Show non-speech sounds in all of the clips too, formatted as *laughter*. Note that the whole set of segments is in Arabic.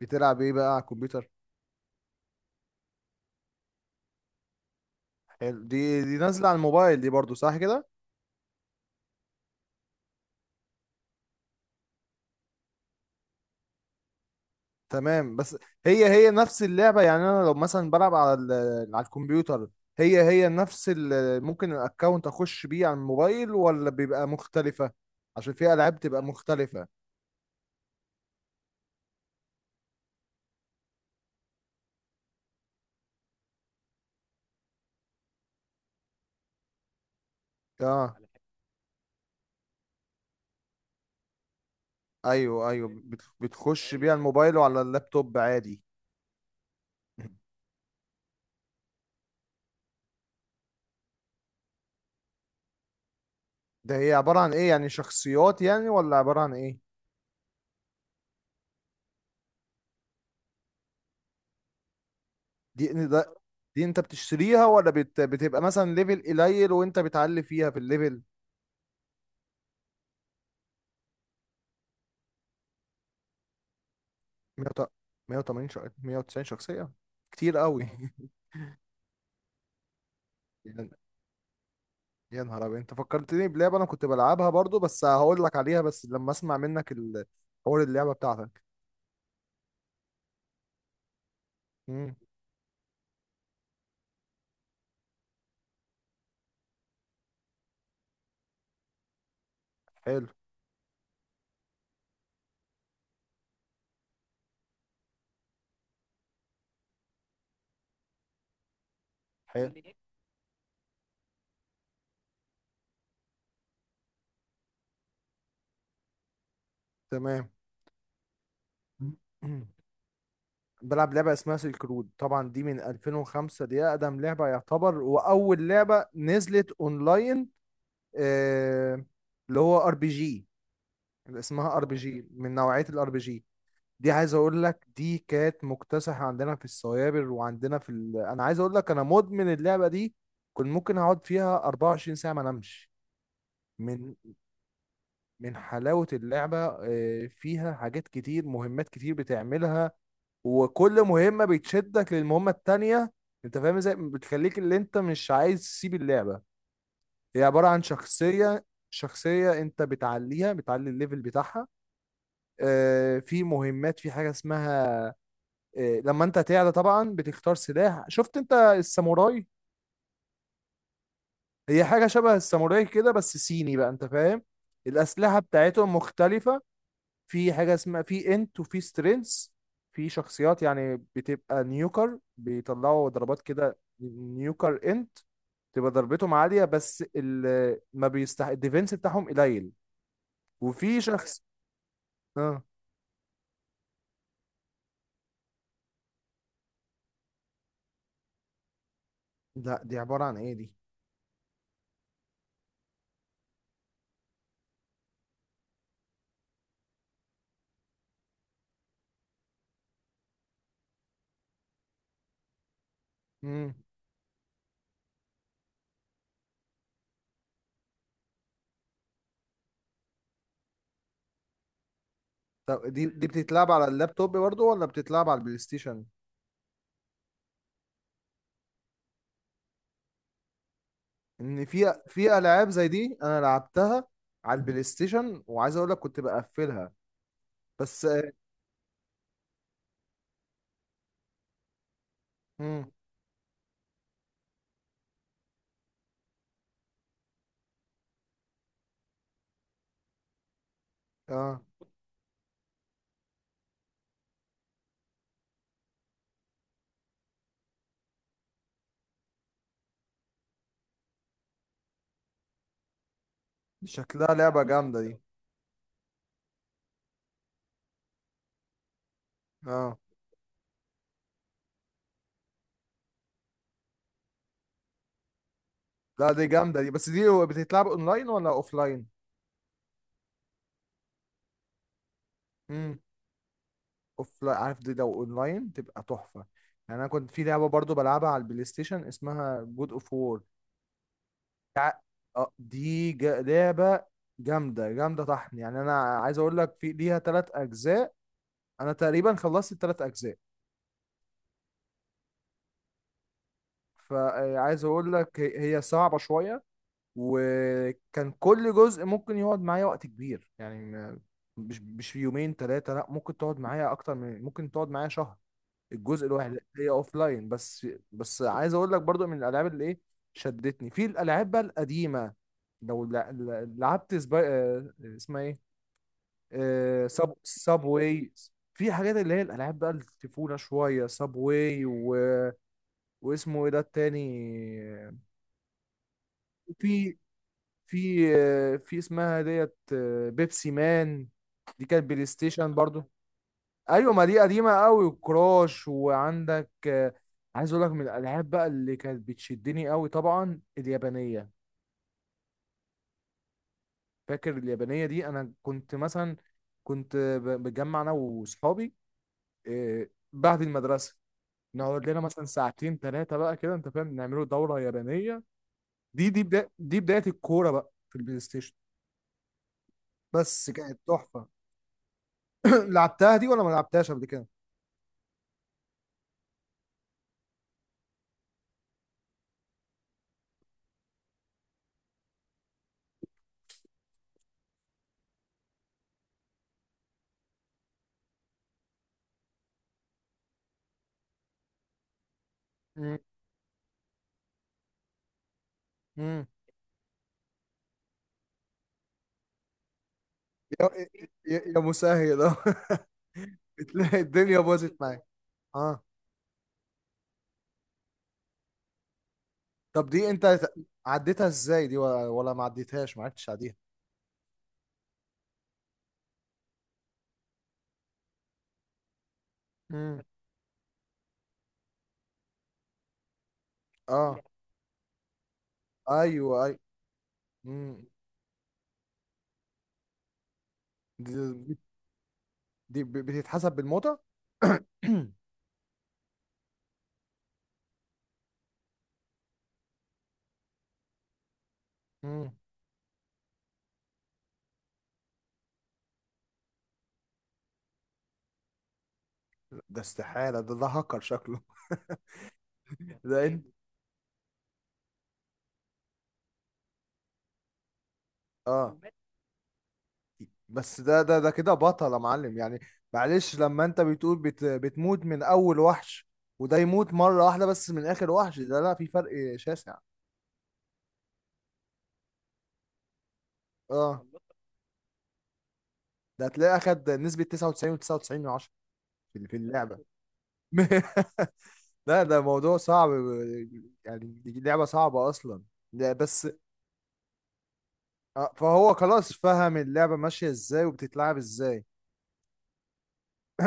بتلعب ايه بقى على الكمبيوتر؟ حلو، دي نازله على الموبايل دي برضو، صح كده؟ تمام، بس هي نفس اللعبه، يعني انا لو مثلا بلعب على على الكمبيوتر، هي نفس ممكن الاكونت اخش بيه على الموبايل، ولا بيبقى مختلفه؟ عشان في العاب تبقى مختلفه. اه، ايوه ايوه، بتخش بيه على الموبايل وعلى اللابتوب عادي. *laughs* ده هي عباره عن ايه؟ يعني شخصيات، يعني ولا عباره عن ايه؟ دي ده دي انت بتشتريها، ولا بتبقى مثلا ليفل قليل وانت بتعلي فيها في الليفل؟ 100، 180، 190 شخصية؟ كتير قوي. *laughs* يا يا نهار ابيض، انت فكرتني بلعبة انا كنت بلعبها برضو، بس هقول لك عليها بس لما اسمع منك حوار اللعبة بتاعتك. امم حلو، حلو، تمام. *clears throat* بلعب لعبة اسمها سيلك رود، طبعا دي من 2005، دي أقدم لعبة يعتبر، وأول لعبة نزلت أونلاين. آه، اللي هو ار بي جي، اللي اسمها ار بي جي، من نوعية الار بي جي. دي عايز اقول لك دي كانت مكتسحة عندنا في السوابر وعندنا في انا عايز اقول لك انا مدمن اللعبة دي، كنت ممكن اقعد فيها 24 ساعة ما انامش من من حلاوة اللعبة. فيها حاجات كتير، مهمات كتير بتعملها، وكل مهمة بتشدك للمهمة التانية. انت فاهم ازاي بتخليك اللي انت مش عايز تسيب اللعبة. هي عبارة عن شخصية، شخصية انت بتعليها، بتعلي الليفل بتاعها. في مهمات، في حاجة اسمها، لما انت تعلى طبعا بتختار سلاح. شفت انت الساموراي؟ هي حاجة شبه الساموراي كده، بس صيني بقى، انت فاهم. الأسلحة بتاعتهم مختلفة. في حاجة اسمها، في انت وفي سترينث، في شخصيات يعني بتبقى نيوكر، بيطلعوا ضربات كده، نيوكر انت تبقى ضربتهم عالية، بس ال ما بيستح الديفنس بتاعهم قليل. وفي شخص، اه لا. دي عبارة عن ايه دي؟ مم. طب دي بتتلعب على اللابتوب برضه ولا بتتلعب على البلاي ستيشن؟ ان في العاب زي دي انا لعبتها على البلاي ستيشن، وعايز اقول لك كنت بقفلها بس. امم اه، شكلها لعبة جامدة دي. اه لا، دي جامدة دي، بس دي هو بتتلعب اونلاين ولا اوفلاين؟ امم اوفلاين. عارف، دي لو اونلاين تبقى تحفة. يعني انا كنت في لعبة برضه بلعبها على البلاي ستيشن اسمها جود اوف وور. اه، دي لعبة جامدة جامدة طحن، يعني انا عايز اقول لك في ليها 3 اجزاء، انا تقريبا خلصت ال3 اجزاء. فعايز اقول لك هي صعبة شوية، وكان كل جزء ممكن يقعد معايا وقت كبير، يعني مش في يومين ثلاثة، لا ممكن تقعد معايا اكتر، من ممكن تقعد معايا شهر الجزء الواحد. هي اوف لاين بس. بس عايز اقول لك برضو من الالعاب اللي ايه شدتني في الالعاب بقى القديمة، لو لعبت سبا... آه، اسمها ايه، سب واي. في حاجات اللي هي الالعاب بقى الطفوله شويه، سب واي واسمه ايه ده التاني؟ في في في اسمها ديت، بيبسي مان، دي كانت بلاي ستيشن برضو. ايوه، ما دي قديمه قوي، وكراش، وعندك عايز اقول لك من الالعاب بقى اللي كانت بتشدني قوي طبعا اليابانيه. فاكر اليابانيه دي؟ انا كنت مثلا كنت بتجمع انا واصحابي بعد المدرسه نقعد لنا مثلا ساعتين ثلاثه بقى كده، انت فاهم، نعملوا دوره يابانيه. دي بدايه الكوره بقى في البلاي ستيشن، بس كانت تحفة. *clears throat* لعبتها دي، ولا ما لعبتهاش قبل كده؟ مم. مم. يا يا مسهل، اه. *laughs* بتلاقي الدنيا باظت معاك، اه. طب دي انت عديتها ازاي دي، ولا ما عديتهاش، ما عدتش عليها؟ مم. اه، ايوه اي. مم. دي, دي دي بتتحسب بالموتى. *clears throat* مم. ده استحالة، ده هاكر شكله. *laughs* ده انت، اه، بس ده كده بطل يا معلم يعني. معلش، لما انت بتقول بتموت من اول وحش، وده يموت مرة واحدة بس من اخر وحش، ده لا، في فرق شاسع. اه، ده هتلاقيه اخد نسبة 99 و99 من 10 في اللعبة. *laughs* لا، ده موضوع صعب، يعني دي لعبة صعبة اصلا. لا، بس فهو خلاص فهم اللعبة ماشية ازاي وبتتلعب ازاي.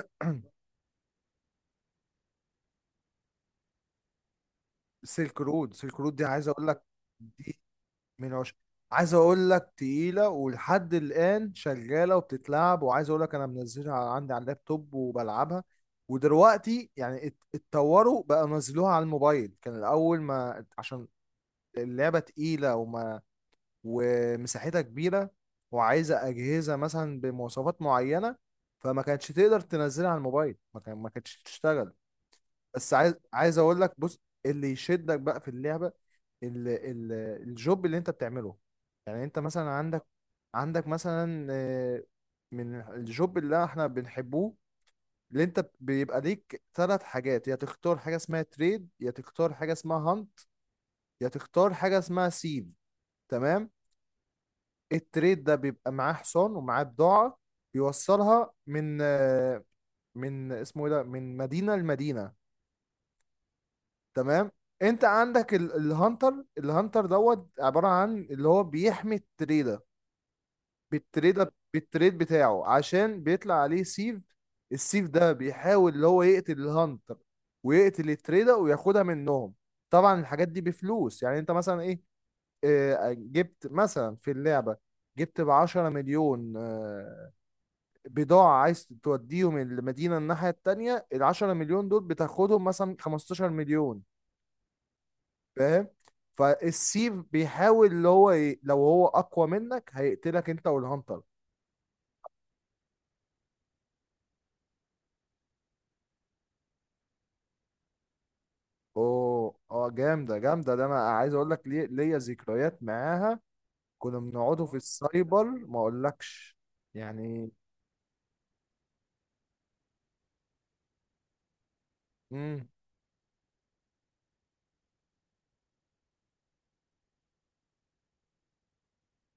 *clears throat* سيلك رود دي عايز اقول لك من عشرة، عايز اقول لك تقيلة ولحد الآن شغالة وبتتلعب، وعايز اقول لك انا منزلها عندي على اللابتوب وبلعبها. ودلوقتي يعني اتطوروا بقى، نزلوها على الموبايل. كان الأول ما عشان اللعبة تقيلة، ومساحتها كبيرة، وعايزة أجهزة مثلا بمواصفات معينة، فما كانتش تقدر تنزلها على الموبايل، ما كانتش تشتغل. بس عايز اقول لك، بص، اللي يشدك بقى في اللعبه ال... ال... الجوب اللي انت بتعمله. يعني انت مثلا عندك، عندك مثلا، من الجوب اللي احنا بنحبوه، اللي انت بيبقى ليك ثلاث حاجات: يا تختار حاجه اسمها تريد، يا تختار حاجه اسمها هانت، يا تختار حاجه اسمها سيف، تمام. التريد ده بيبقى معاه حصان ومعاه بضاعه، بيوصلها من من اسمه ايه ده، من مدينه لمدينه، تمام. انت عندك الهانتر. الهانتر دوت عبارة عن اللي هو بيحمي التريدة بالتريد بتاعه، عشان بيطلع عليه سيف. السيف ده بيحاول اللي هو يقتل الهانتر، ويقتل التريدة وياخدها منهم. طبعا الحاجات دي بفلوس، يعني انت مثلا ايه، اه، جبت مثلا في اللعبة، جبت ب10 مليون بضاعة، عايز توديهم المدينة الناحية التانية، ال10 مليون دول بتاخدهم مثلا 15 مليون، فاهم. فالسي بيحاول اللي هو لو هو اقوى منك هيقتلك انت والهانتر. اوه، اه، جامده جامده، ده انا عايز اقول لك ليه ليا ذكريات معاها. كنا بنقعدوا في السايبر ما اقولكش يعني. امم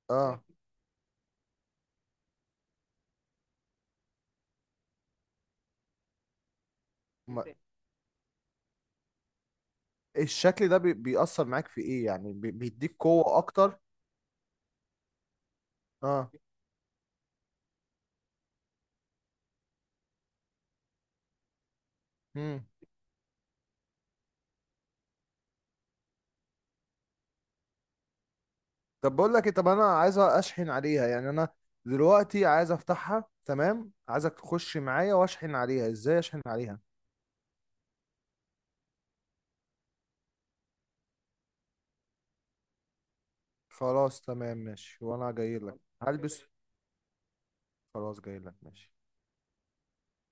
اه، ما... الشكل ده بيأثر معاك في ايه؟ يعني بيديك قوه اكتر؟ اه. امم طب بقول لك طب انا عايز اشحن عليها، يعني انا دلوقتي عايز افتحها، تمام، عايزك تخش معايا واشحن عليها، ازاي اشحن عليها؟ خلاص تمام ماشي، وانا جاي لك هلبس. خلاص، جاي لك، ماشي.